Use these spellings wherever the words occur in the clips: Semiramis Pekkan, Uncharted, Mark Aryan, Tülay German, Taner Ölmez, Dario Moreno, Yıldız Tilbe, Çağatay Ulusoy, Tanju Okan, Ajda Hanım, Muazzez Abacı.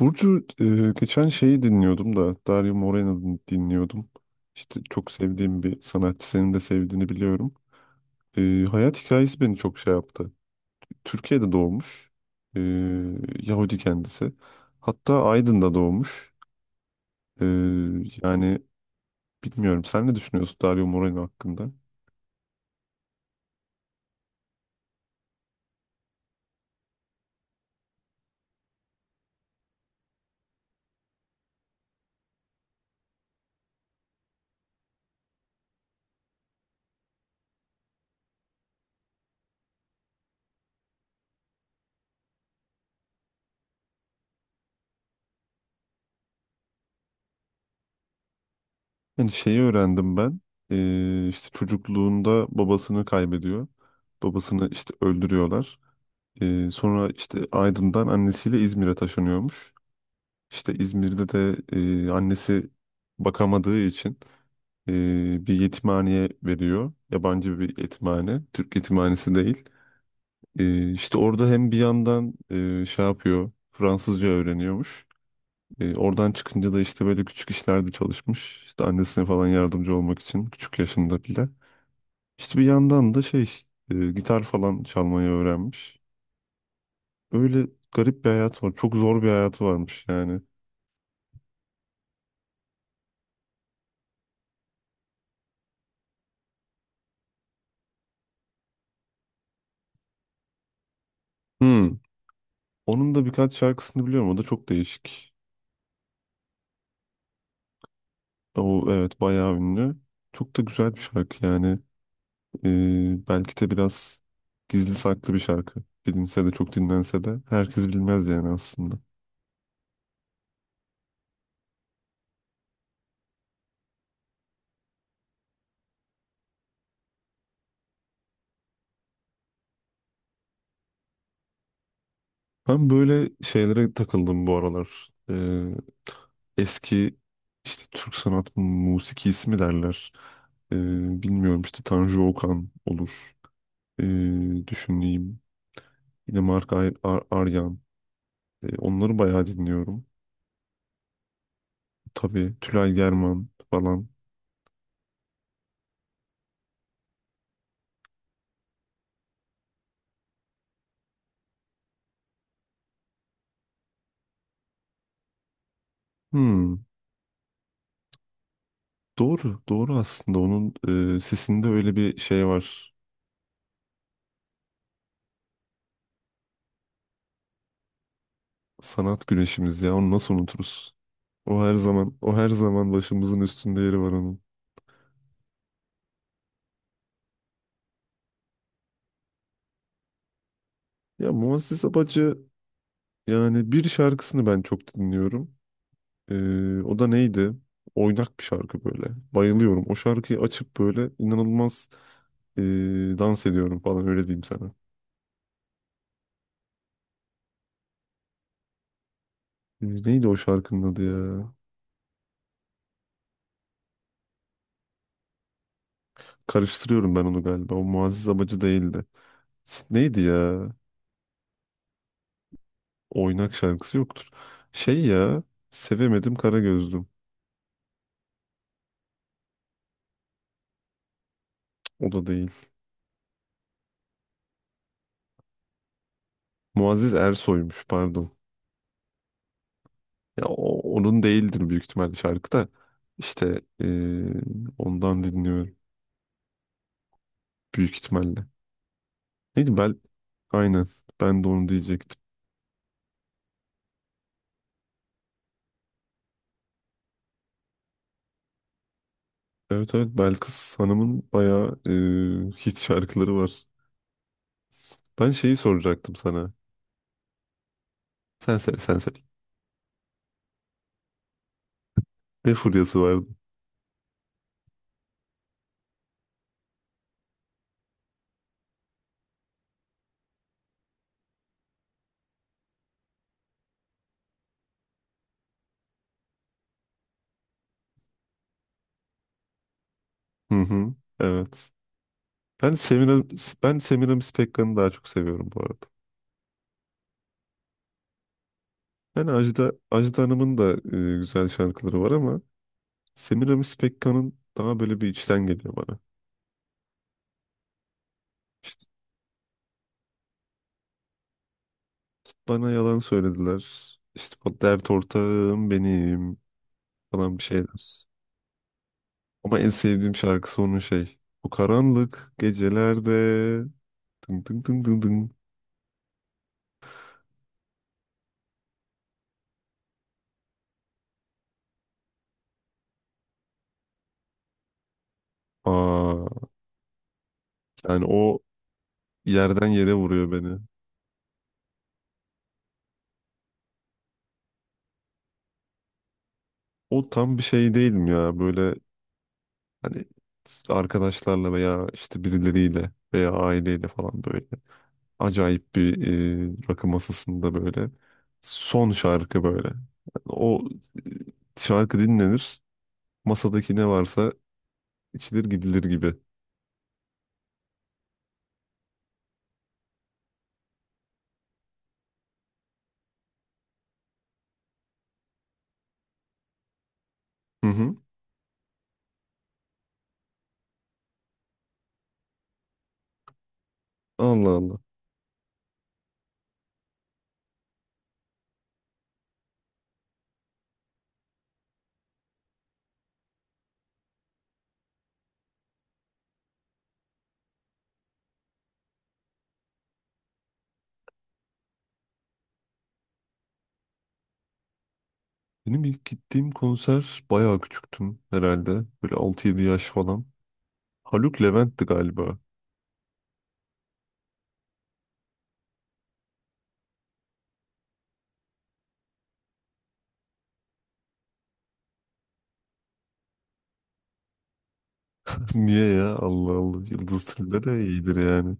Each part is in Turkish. Burcu, geçen şeyi dinliyordum da Dario Moreno dinliyordum. İşte çok sevdiğim bir sanatçı, senin de sevdiğini biliyorum. Hayat hikayesi beni çok şey yaptı. Türkiye'de doğmuş. E, Yahudi kendisi. Hatta Aydın'da doğmuş. E, yani bilmiyorum, sen ne düşünüyorsun Dario Moreno hakkında? Yani şeyi öğrendim ben. İşte çocukluğunda babasını kaybediyor. Babasını işte öldürüyorlar. Sonra işte Aydın'dan annesiyle İzmir'e taşınıyormuş. İşte İzmir'de de annesi bakamadığı için e, bir yetimhaneye veriyor. Yabancı bir yetimhane, Türk yetimhanesi değil. İşte orada hem bir yandan şey yapıyor, Fransızca öğreniyormuş. Oradan çıkınca da işte böyle küçük işlerde çalışmış. İşte annesine falan yardımcı olmak için küçük yaşında bile. İşte bir yandan da şey, gitar falan çalmayı öğrenmiş. Öyle garip bir hayat var. Çok zor bir hayatı varmış yani. Onun da birkaç şarkısını biliyorum. O da çok değişik. O evet, bayağı ünlü. Çok da güzel bir şarkı yani. Belki de biraz gizli saklı bir şarkı. Bilinse de, çok dinlense de herkes bilmez yani aslında. Ben böyle şeylere takıldım bu aralar. Eski işte Türk sanat musikisi mi derler. Ee, Bilmiyorum işte, Tanju Okan olur. Düşüneyim. Yine Aryan. Onları bayağı dinliyorum. Tabii Tülay German falan. Hmm, doğru, doğru aslında. Onun sesinde öyle bir şey var. Sanat güneşimiz ya. Onu nasıl unuturuz? O her zaman başımızın üstünde yeri var onun. Ya Muazzez Abacı, yani bir şarkısını ben çok dinliyorum. O da neydi? Oynak bir şarkı böyle. Bayılıyorum. O şarkıyı açıp böyle inanılmaz e, dans ediyorum falan, öyle diyeyim sana. Neydi o şarkının adı ya? Karıştırıyorum ben onu galiba. O Muazzez Abacı değildi. Neydi ya? Oynak şarkısı yoktur. Şey ya. Sevemedim kara gözlüm. O da değil. Muazzez Ersoy'muş, pardon. Ya o, onun değildir büyük ihtimalle şarkı da. İşte ondan dinliyorum büyük ihtimalle. Neydi Bel? Aynen. Ben de onu diyecektim. Evet evet, Belkıs Hanım'ın bayağı hit şarkıları var. Ben şeyi soracaktım sana. Sen söyle, sen söyle. Ne furyası vardı? Hı hı. Evet. Ben Semira, Ben Semiramis Pekkan'ı daha çok seviyorum bu arada. Yani Ajda Hanım'ın da güzel şarkıları var ama Semiramis Pekkan'ın daha böyle bir içten geliyor bana. İşte bana yalan söylediler. İşte bu dert ortağım benim. Falan bir şeyler. Ama en sevdiğim şarkısı onun şey. Bu karanlık gecelerde dın dın dın dın dın. Aa, yani o yerden yere vuruyor beni. O tam bir şey değilim ya, böyle hani arkadaşlarla veya işte birileriyle veya aileyle falan böyle acayip bir, rakı masasında böyle son şarkı böyle. Yani o şarkı dinlenir, masadaki ne varsa içilir gidilir gibi. Hı hı. Allah Allah. Benim ilk gittiğim konser bayağı küçüktüm herhalde. Böyle altı yedi yaş falan. Haluk Levent'ti galiba. Niye ya? Allah Allah. Yıldız Tilbe de iyidir yani.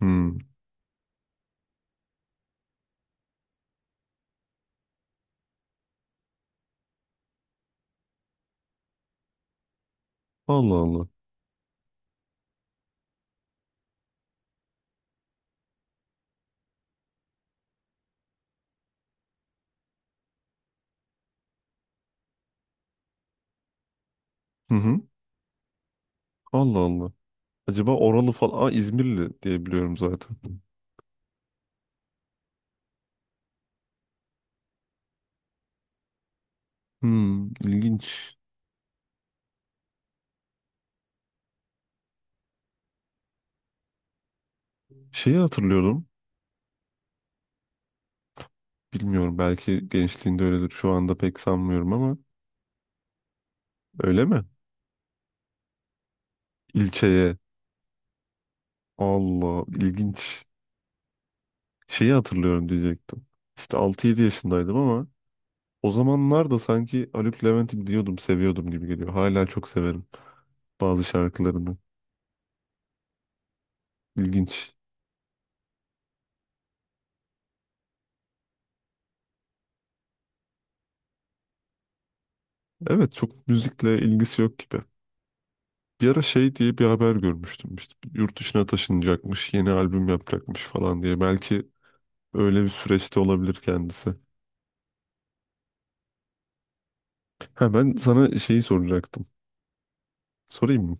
Hmm. Allah Allah. Hı hı. Allah Allah. Acaba Oralı falan. Aa, İzmirli diye biliyorum zaten. Hmm, ilginç. Şeyi hatırlıyorum. Bilmiyorum, belki gençliğinde öyledir. Şu anda pek sanmıyorum ama. Öyle mi? İlçeye Allah, ilginç. Şeyi hatırlıyorum diyecektim. İşte altı yedi yaşındaydım ama o zamanlar da sanki Haluk Levent'i biliyordum, seviyordum gibi geliyor. Hala çok severim bazı şarkılarını. İlginç. Evet, çok müzikle ilgisi yok gibi. Bir ara şey diye bir haber görmüştüm. İşte yurt dışına taşınacakmış, yeni albüm yapacakmış falan diye. Belki öyle bir süreçte olabilir kendisi. Ha, ben sana şeyi soracaktım. Sorayım mı?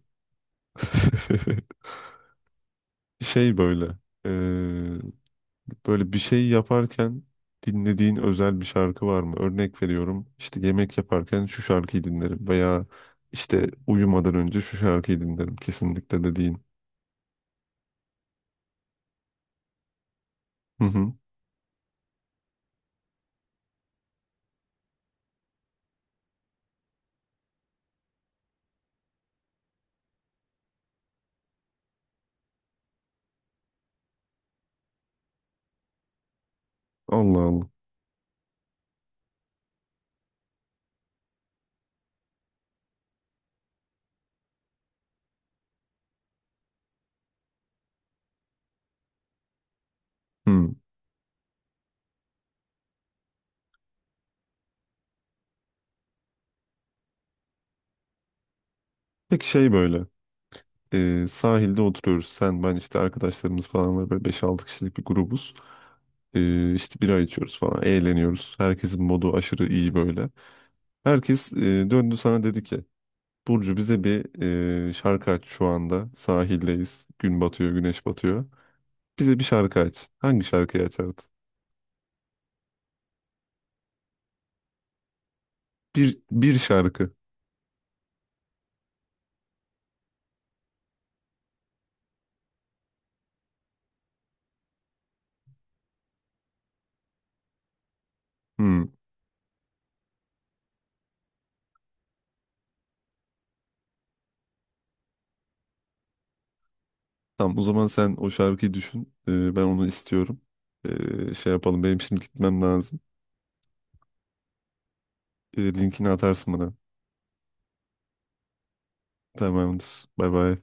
Şey böyle. Böyle bir şey yaparken dinlediğin özel bir şarkı var mı? Örnek veriyorum, işte yemek yaparken şu şarkıyı dinlerim veya işte uyumadan önce şu şarkıyı dinlerim kesinlikle dediğin. Hı hı. Allah Allah. Hı. Peki şey böyle, sahilde oturuyoruz sen ben, işte arkadaşlarımız falan var, böyle beş altı kişilik bir grubuz. İşte bira içiyoruz falan, eğleniyoruz. Herkesin modu aşırı iyi böyle. Herkes döndü sana, dedi ki Burcu, bize bir şarkı aç şu anda. Sahildeyiz. Gün batıyor, güneş batıyor. Bize bir şarkı aç. Hangi şarkıyı açardın? Bir şarkı. Hmm. Tamam, o zaman sen o şarkıyı düşün. Ben onu istiyorum. Şey yapalım, benim şimdi gitmem lazım. Linkini atarsın bana. Tamamdır. Bay bay.